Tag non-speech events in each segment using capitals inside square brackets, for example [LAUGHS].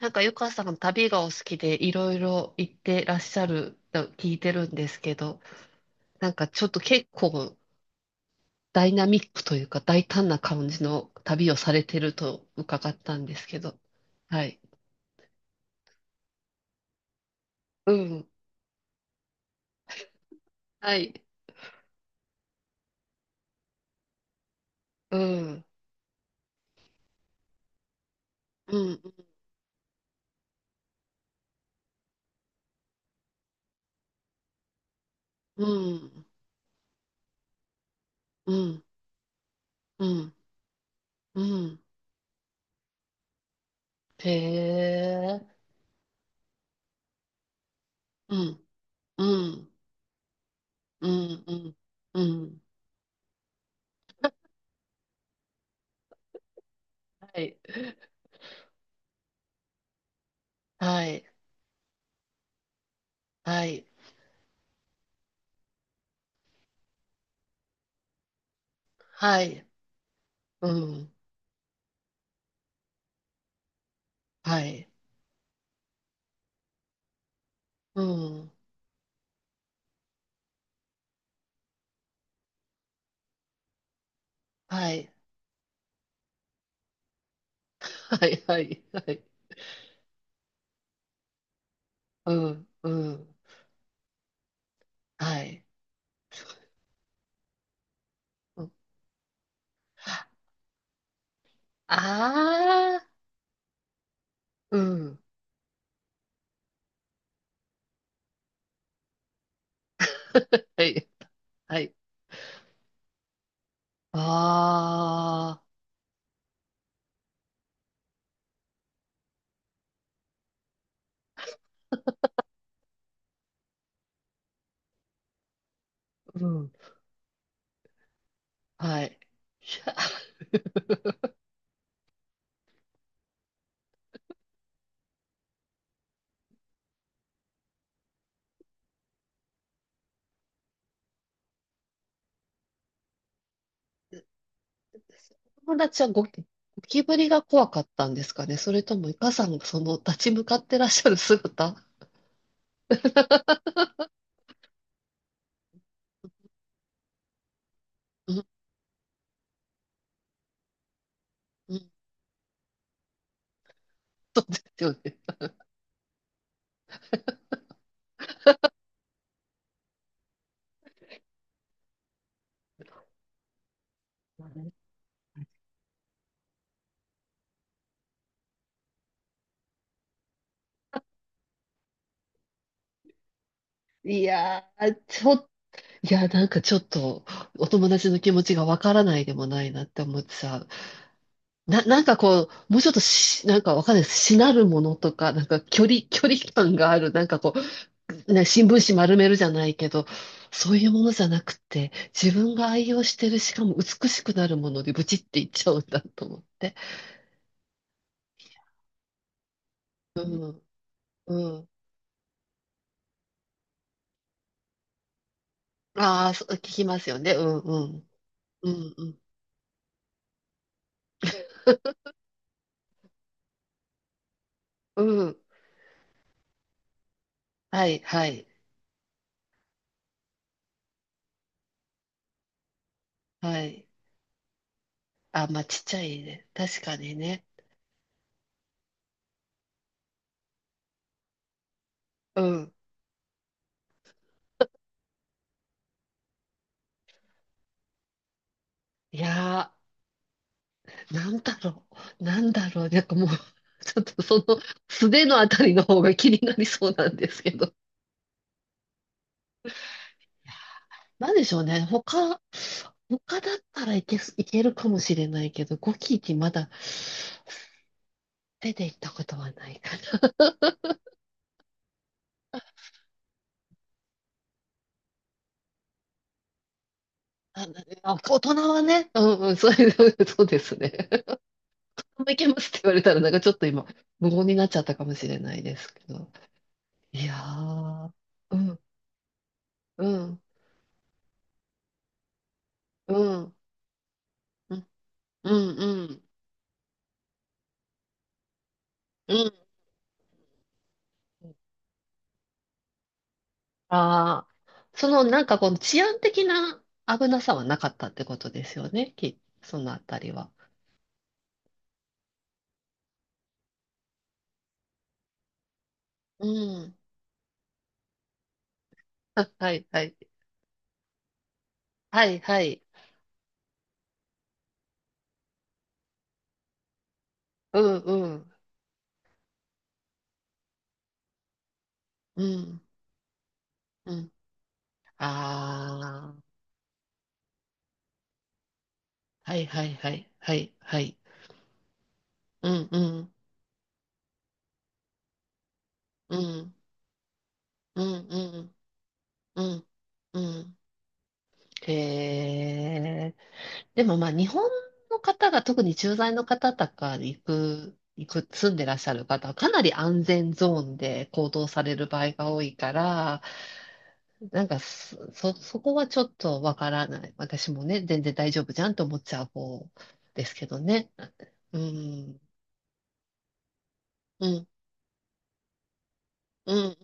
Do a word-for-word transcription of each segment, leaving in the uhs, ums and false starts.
なんか、ゆかさん旅がお好きでいろいろ行ってらっしゃると聞いてるんですけど、なんかちょっと結構ダイナミックというか大胆な感じの旅をされてると伺ったんですけど。はい。うん。はい。うん。うん。うん。うん。うん。うん。へえ。うん。うん。うん。うん。うん。はい。はい。はい。はい。うん。はい。うん。はい。はいはいはい。うんうん。はい。うんああ、うん。はい。はい。ああ、うん。はい。[LAUGHS] いや、友達はゴキ、ゴキブリが怖かったんですかね。それとも、イカさんがその立ち向かってらっしゃる姿うん、うん。そうですよね。いやー、ちょっ、いや、なんかちょっと、お友達の気持ちがわからないでもないなって思ってさ、な、なんかこう、もうちょっとし、なんかわかんないです。しなるものとか、なんか距離、距離感がある、なんかこう、ね、新聞紙丸めるじゃないけど、そういうものじゃなくて、自分が愛用してる、しかも美しくなるものでブチっていっちゃうんだと思って。うん、うん。ああ、そう、聞きますよね。うん、うん。うん、うん。うん。はい、はい、はい。あ、まあ、ちっちゃいね。確かにね。うん。いやー。なんだろう、なんだろう、なんかもう [LAUGHS] ちょっとその素手のあたりの方が気になりそうなんですけど。なんでしょうね、他、他だったらいけす、いけるかもしれないけど、ゴキチまだ手で行ったことはないかな。ああ大人はね、うんうん、そういう、[LAUGHS] そうですね。[LAUGHS] いけますって言われたら、なんかちょっと今、無言になっちゃったかもしれないですけど。いやー、うん、うん、うん、うん、うん、うん。うんああ、そのなんかこの治安的な危なさはなかったってことですよね、き、そのあたりは。うん。[LAUGHS] はいはい。はいはい。うんうん。うんうん。ああ、はいはいはいはいはい。うんうんうんうんうんうんうん。へえ。でもまあ日本の方が特に駐在の方とかに行く、行く、住んでらっしゃる方はかなり安全ゾーンで行動される場合が多いから、なんかそ、そそこはちょっとわからない。私もね、全然大丈夫じゃんと思っちゃう方ですけどね。うん、うん、うん、うん。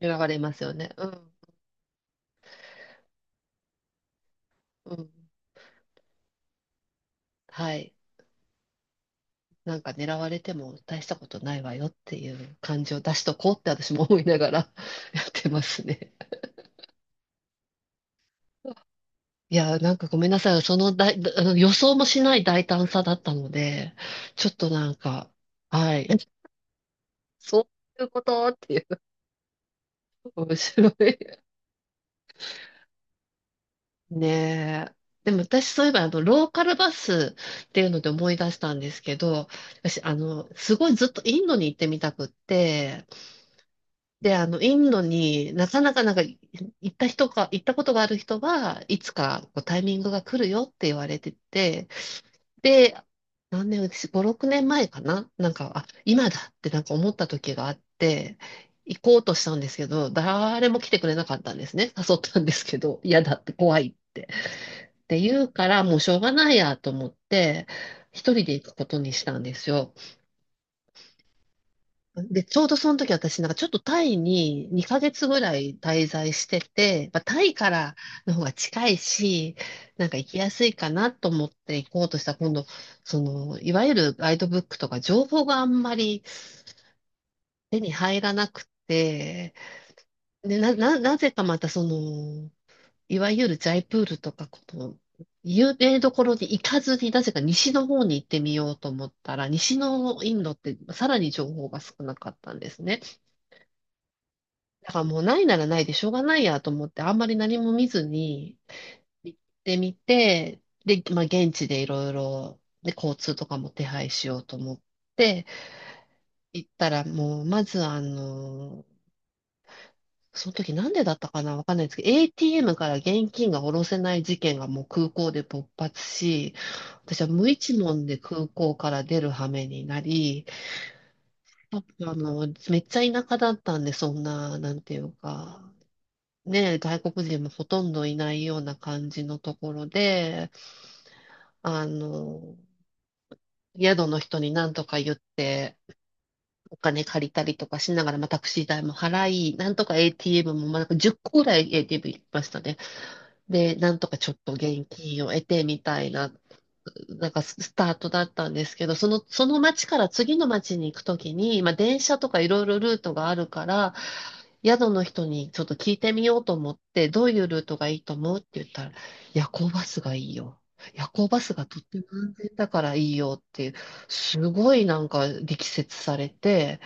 狙われますよね。うん、うん。はい。なんか狙われても大したことないわよっていう感じを出しとこうって私も思いながら [LAUGHS] やってますね。いや、なんかごめんなさい。その大、あの予想もしない大胆さだったので、ちょっとなんか、はい。[LAUGHS] そういうことっていう、面白い。ねえ。でも私そういえば、あの、ローカルバスっていうので思い出したんですけど、私、あの、すごいずっとインドに行ってみたくって、で、あの、インドになかなかなんかい行った人か、行ったことがある人はいつかこうタイミングが来るよって言われてて、で、何年、私、ご、ろくねんまえかななんか、あ、今だってなんか思った時があって、行こうとしたんですけど、誰も来てくれなかったんですね。誘ったんですけど、嫌だって怖いって。って言うから、もうしょうがないやと思って、一人で行くことにしたんですよ。で、ちょうどその時私なんかちょっとタイににかげつぐらい滞在してて、まあ、タイからの方が近いし、なんか行きやすいかなと思って行こうとしたら今度、その、いわゆるガイドブックとか情報があんまり手に入らなくて、で、な、な、なぜかまたその、いわゆるジャイプールとか、この、有名どころに行かずに、なぜか西の方に行ってみようと思ったら、西のインドってさらに情報が少なかったんですね。だからもうないならないでしょうがないやと思って、あんまり何も見ずに行ってみて、で、まあ現地でいろいろ、で、交通とかも手配しようと思って行ったら、もうまずあの、その時なんでだったかなわかんないですけど、エーティーエム から現金が下ろせない事件がもう空港で勃発し、私は無一文で空港から出る羽目になり、あの、めっちゃ田舎だったんで、そんな、なんていうか、ね、外国人もほとんどいないような感じのところで、あの、宿の人に何とか言って、お金借りたりとかしながら、まあ、タクシー代も払い、なんとか エーティーエム も、まあ、なんかじゅっこぐらい エーティーエム 行きましたね。で、なんとかちょっと現金を得てみたいな、なんかススタートだったんですけど、その、その町から次の町に行くときに、まあ、電車とかいろいろルートがあるから、宿の人にちょっと聞いてみようと思って、どういうルートがいいと思うって言ったら、夜行バスがいいよ。夜行バスがとっても安全だからいいよっていう、すごいなんか力説されて、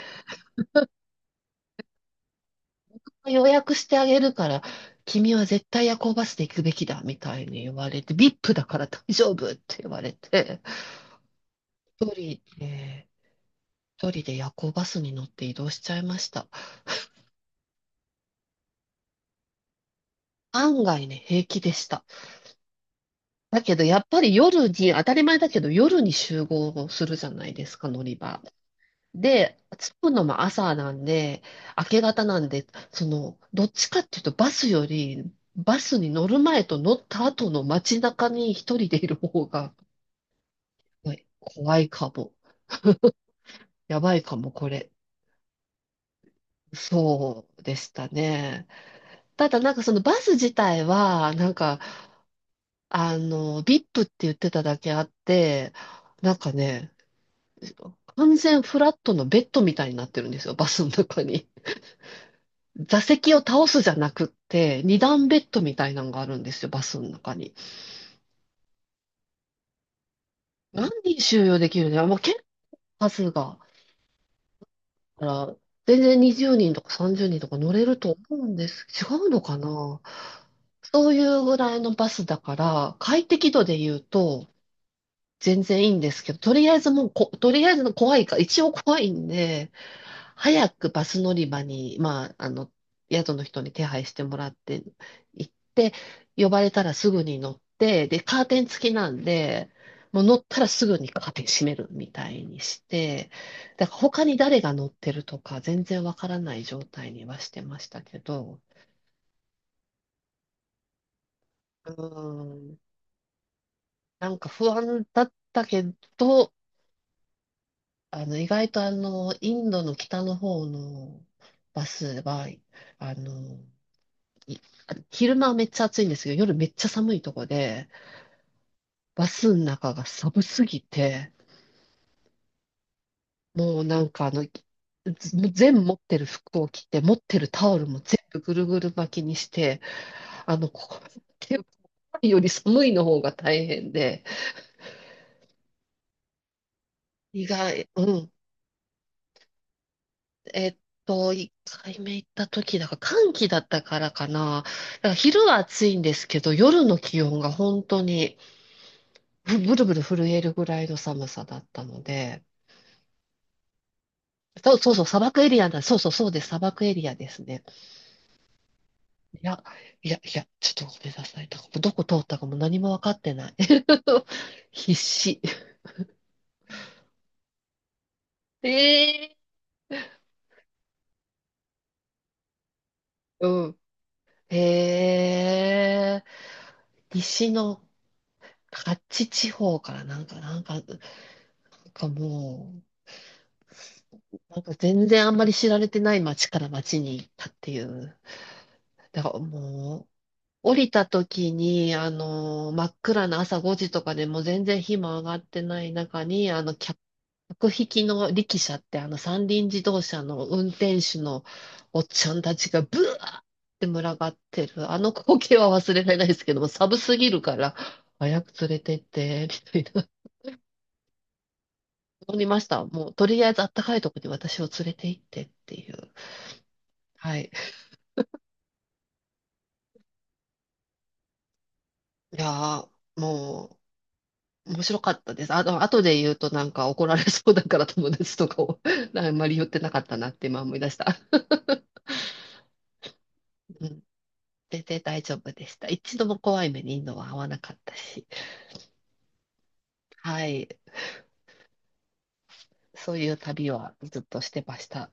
予約してあげるから、君は絶対夜行バスで行くべきだみたいに言われて、ブイアイピー だから大丈夫って言われて、一人で、一人で夜行バスに乗って移動しちゃいました。案外ね、平気でした。だけど、やっぱり夜に、当たり前だけど、夜に集合するじゃないですか、乗り場。で、着くのも朝なんで、明け方なんで、その、どっちかっていうと、バスより、バスに乗る前と乗った後の街中に一人でいる方が、はい怖いかも。やばいかも、これ。そうでしたね。ただ、なんかそのバス自体は、なんか、あの、ブイアイピー って言ってただけあって、なんかね、完全フラットのベッドみたいになってるんですよ、バスの中に。[LAUGHS] 座席を倒すじゃなくって、二段ベッドみたいなのがあるんですよ、バスの中に。何人収容できるのよ、もう結構数が。だから全然にじゅうにんとかさんじゅうにんとか乗れると思うんです。違うのかな。そういうぐらいのバスだから、快適度で言うと全然いいんですけど、とりあえずもうこ、とりあえずの怖いか、一応怖いんで、早くバス乗り場に、まあ、あの、宿の人に手配してもらって行って、呼ばれたらすぐに乗って、で、カーテン付きなんで、もう乗ったらすぐにカーテン閉めるみたいにして、だから他に誰が乗ってるとか全然わからない状態にはしてましたけど、うーん、なんか不安だったけど、あの、意外とあの、インドの北の方のバスは、あの、いあ昼間はめっちゃ暑いんですけど、夜めっちゃ寒いとこで、バスの中が寒すぎて、もうなんかあの、ず全持ってる服を着て、持ってるタオルも全部ぐるぐる巻きにして、あの、ここ手をいより寒いの方が大変で、意外、うん、えっと、一回目行った時だから、寒気だったからかな。だから昼は暑いんですけど、夜の気温が本当に、ぶブルブル震えるぐらいの寒さだったので、そうそうそう、砂漠エリアだ。そうそうそうです。砂漠エリアですね。いや、いや、いや、ちょっとごめんなさい。なんかどこ通ったかも何もわかってない。[LAUGHS] 必死。ええうん。ええ西のカッチ地方からなんか、なんか、なんかもう、なんか全然あんまり知られてない町から町に行ったっていう。だからもう、降りた時に、あの、真っ暗な朝ごじとかでもう全然火も上がってない中に、あの、客、客引きの力車って、あの、三輪自動車の運転手のおっちゃんたちがブワーって群がってる。あの光景は忘れられないですけども、寒すぎるから、早く連れてって、みたいな。乗りました。もう、とりあえずあったかいとこに私を連れて行ってっていう。はい。いやー、もう、面白かったです。あと、後で言うとなんか怒られそうだから友達とかを [LAUGHS] あんまり言ってなかったなって今思い出した。うん。全然大丈夫でした。一度も怖い目にインドは合わなかったし。はい。そういう旅はずっとしてました。